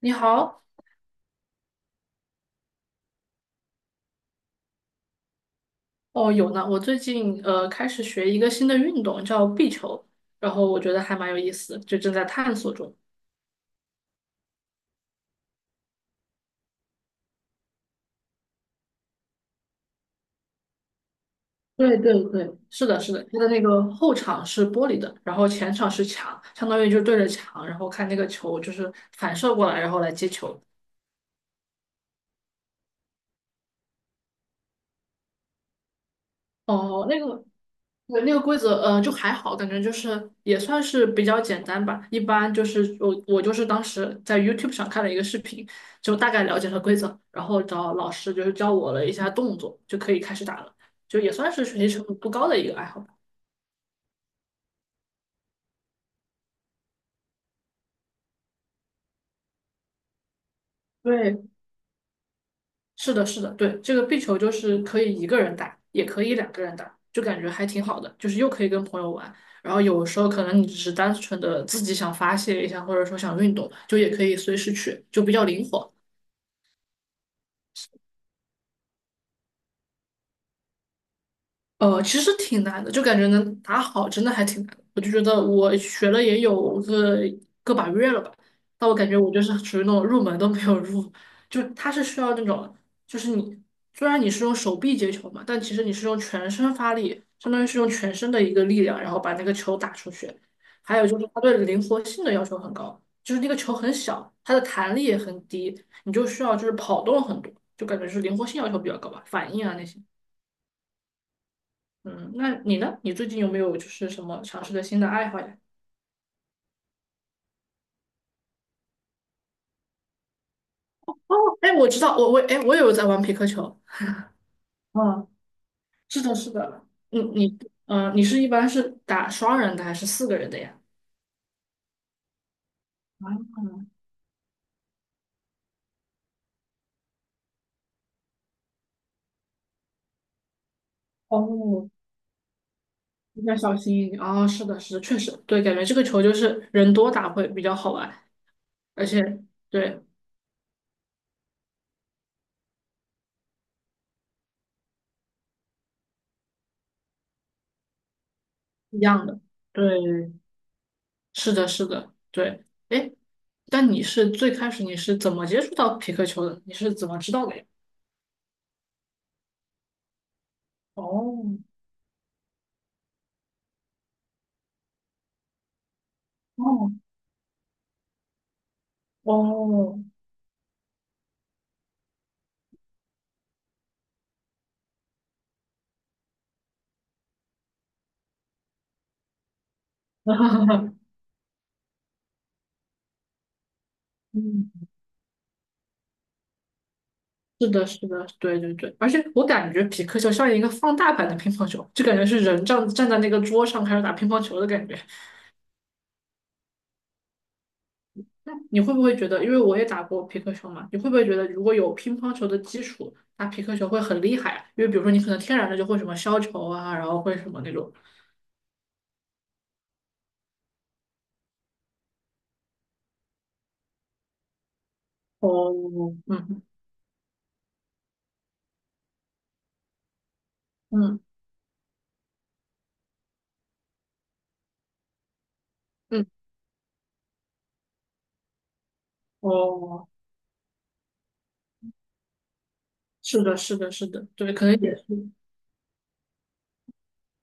你好，哦，有呢。我最近开始学一个新的运动，叫壁球，然后我觉得还蛮有意思，就正在探索中。对对对，是的，是的，它的那个后场是玻璃的，然后前场是墙，相当于就对着墙，然后看那个球就是反射过来，然后来接球。哦，那个对，那个规则，就还好，感觉就是也算是比较简单吧。一般就是我就是当时在 YouTube 上看了一个视频，就大概了解了规则，然后找老师就是教我了一下动作，就可以开始打了，就也算是学习成本不高的一个爱好吧。对，是的，是的，对，这个壁球就是可以一个人打，也可以两个人打，就感觉还挺好的，就是又可以跟朋友玩，然后有时候可能你只是单纯的自己想发泄一下，或者说想运动，就也可以随时去，就比较灵活。其实挺难的，就感觉能打好真的还挺难的。我就觉得我学了也有个个把月了吧，但我感觉我就是属于那种入门都没有入，就是它是需要那种，就是你虽然你是用手臂接球嘛，但其实你是用全身发力，相当于是用全身的一个力量，然后把那个球打出去。还有就是它对灵活性的要求很高，就是那个球很小，它的弹力也很低，你就需要就是跑动很多，就感觉是灵活性要求比较高吧，反应啊那些。嗯，那你呢？你最近有没有就是什么尝试的新的爱好呀？哎，我知道，我哎，我也有在玩皮克球。嗯，是的，是的。你嗯，你是一般是打双人的还是四个人的呀？啊，哦，应该小心一点。哦，是的，是的，确实，对，感觉这个球就是人多打会比较好玩，而且对一样的，对，是的，是的，对。哎，但你是最开始你是怎么接触到皮克球的？你是怎么知道的呀？哦，哦，哦，嗯，是的，是的，对对对，而且我感觉匹克球像一个放大版的乒乓球，就感觉是人站在那个桌上开始打乒乓球的感觉。那你会不会觉得，因为我也打过匹克球嘛，你会不会觉得如果有乒乓球的基础，打匹克球会很厉害啊？因为比如说你可能天然的就会什么削球啊，然后会什么那种。哦，嗯嗯嗯，哦，是的，是的，是的，对，可能也是。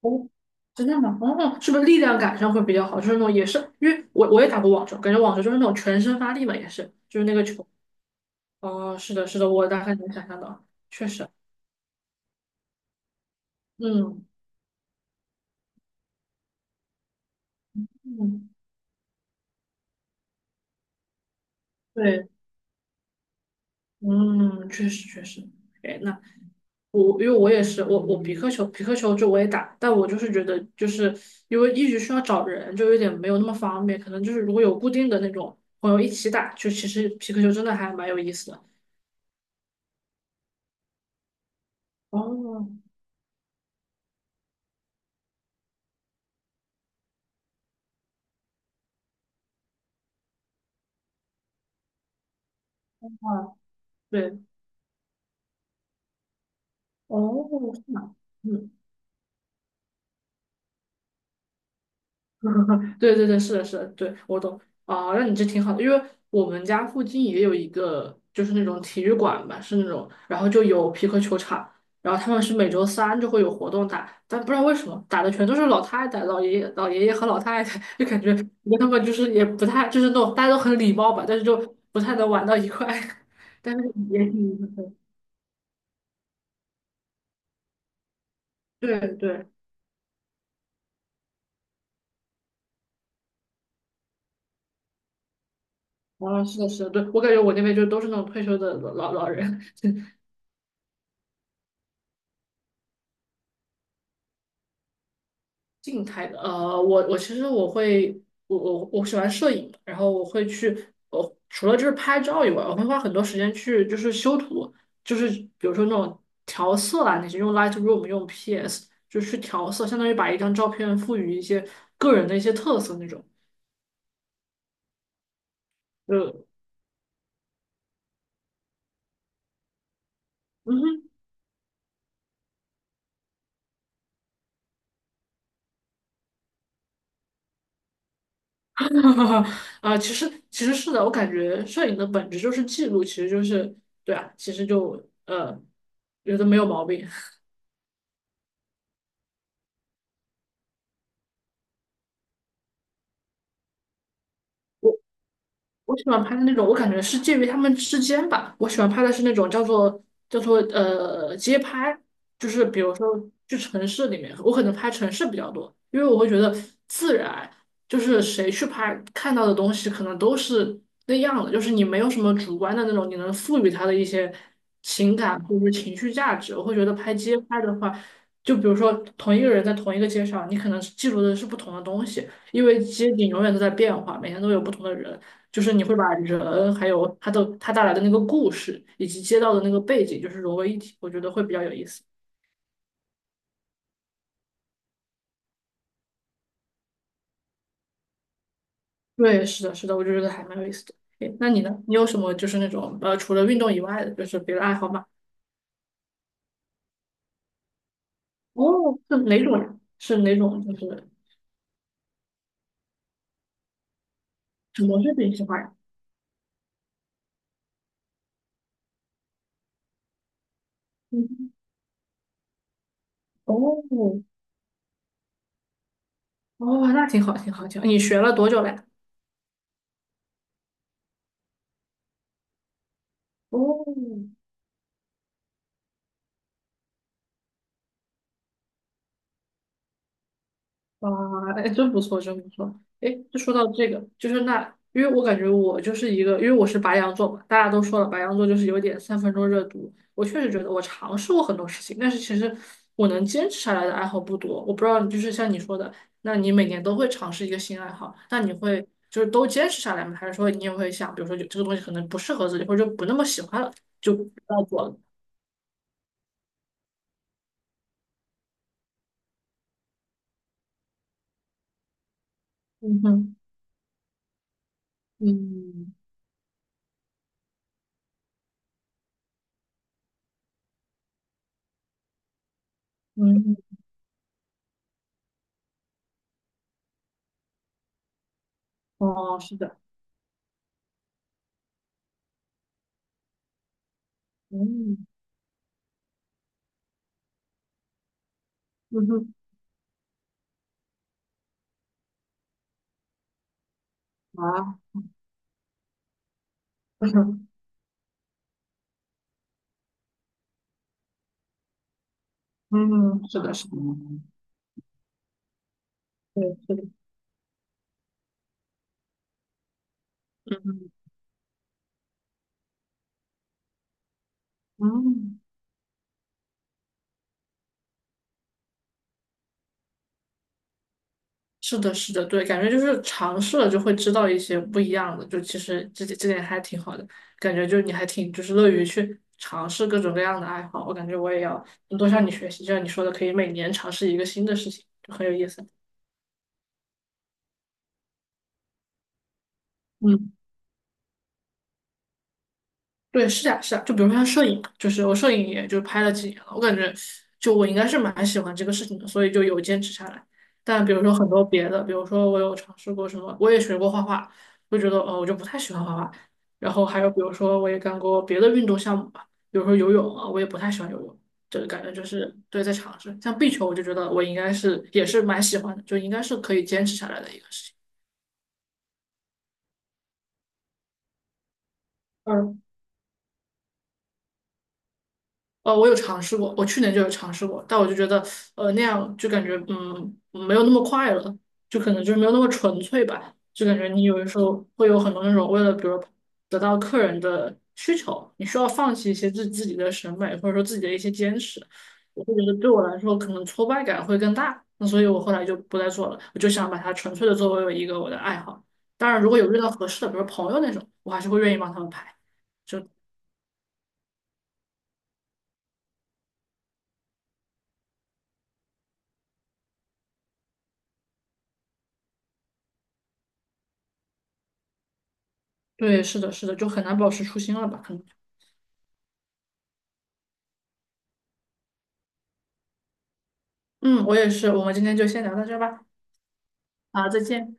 哦，真的吗？哦，是不是力量感上会比较好？就是那种也是，因为我也打过网球，感觉网球就是那种全身发力嘛，也是，就是那个球。哦，是的，是的，我大概能想象到，确实，嗯嗯，对，嗯，确实确实。哎，那我因为我也是，我我皮克球就我也打，但我就是觉得就是因为一直需要找人，就有点没有那么方便，可能就是如果有固定的那种朋友一起打，就其实皮克球真的还蛮有意思的。哦，哇。对，哦，是吗？嗯，对对对，是的，是的，对，我懂。啊，那你这挺好的，因为我们家附近也有一个，就是那种体育馆吧，是那种，然后就有皮克球场，然后他们是每周三就会有活动打，但不知道为什么打的全都是老太太、老爷爷、老爷爷和老太太，就感觉跟他们就是也不太，就是那种大家都很礼貌吧，但是就不太能玩到一块，但是也挺对对。啊，是的，是的，对，我感觉我那边就都是那种退休的老人。静态的，我我其实我会，我我喜欢摄影，然后我会去，我除了就是拍照以外，我会花很多时间去就是修图，就是比如说那种调色啊，那些用 Lightroom 用 PS 就是去调色，相当于把一张照片赋予一些个人的一些特色那种，就嗯哼，啊，其实其实是的，我感觉摄影的本质就是记录，其实就是对啊，其实就呃，觉得没有毛病。我。我喜欢拍的那种，我感觉是介于他们之间吧。我喜欢拍的是那种叫做街拍，就是比如说去城市里面，我可能拍城市比较多，因为我会觉得自然，就是谁去拍看到的东西可能都是那样的，就是你没有什么主观的那种，你能赋予它的一些情感或者是情绪价值。我会觉得拍街拍的话，就比如说同一个人在同一个街上，你可能记录的是不同的东西，因为街景永远都在变化，每天都有不同的人。就是你会把人还有他的他带来的那个故事以及街道的那个背景，就是融为一体，我觉得会比较有意思。对，是的，是的，我就觉得还蛮有意思的。诶，那你呢？你有什么就是那种除了运动以外的，就是别的爱好吗？哦，是哪种呀？是哪种？就是什么是你喜欢呀？嗯，哦，哦，那挺好，挺好，挺好。你学了多久了呀？哦，哇，哎，真不错，真不错。哎，就说到这个，就是那，因为我感觉我就是一个，因为我是白羊座嘛，大家都说了，白羊座就是有点三分钟热度。我确实觉得我尝试过很多事情，但是其实我能坚持下来的爱好不多。我不知道，就是像你说的，那你每年都会尝试一个新爱好，那你会就是都坚持下来吗？还是说你也会想，比如说有这个东西可能不适合自己，或者就不那么喜欢了，就不要做了？嗯哼，嗯嗯，哦，是的，嗯嗯哼，啊。嗯，是的，是的，嗯对，是的，嗯，是的，是的，对，感觉就是尝试了就会知道一些不一样的，就其实这点还挺好的，感觉就你还挺就是乐于去尝试各种各样的爱好，我感觉我也要多向你学习，就像你说的，可以每年尝试一个新的事情，就很有意思。嗯。对，是的，是的，就比如说像摄影，就是我摄影也就拍了几年了，我感觉就我应该是蛮喜欢这个事情的，所以就有坚持下来。但比如说很多别的，比如说我有尝试过什么，我也学过画画，我觉得我就不太喜欢画画。然后还有比如说我也干过别的运动项目吧，比如说游泳啊，我也不太喜欢游泳，就感觉就是对在尝试。像壁球，我就觉得我应该是也是蛮喜欢的，就应该是可以坚持下来的一个事情。嗯。我有尝试过，我去年就有尝试过，但我就觉得，那样就感觉，嗯，没有那么快乐，就可能就是没有那么纯粹吧，就感觉你有的时候会有很多那种为了，比如得到客人的需求，你需要放弃一些自己的审美，或者说自己的一些坚持。我会觉得对我来说，可能挫败感会更大，那所以我后来就不再做了，我就想把它纯粹的作为一个我的爱好。当然，如果有遇到合适的，比如朋友那种，我还是会愿意帮他们排。对，是的，是的，就很难保持初心了吧？可能。嗯，我也是，我们今天就先聊到这儿吧。好，再见。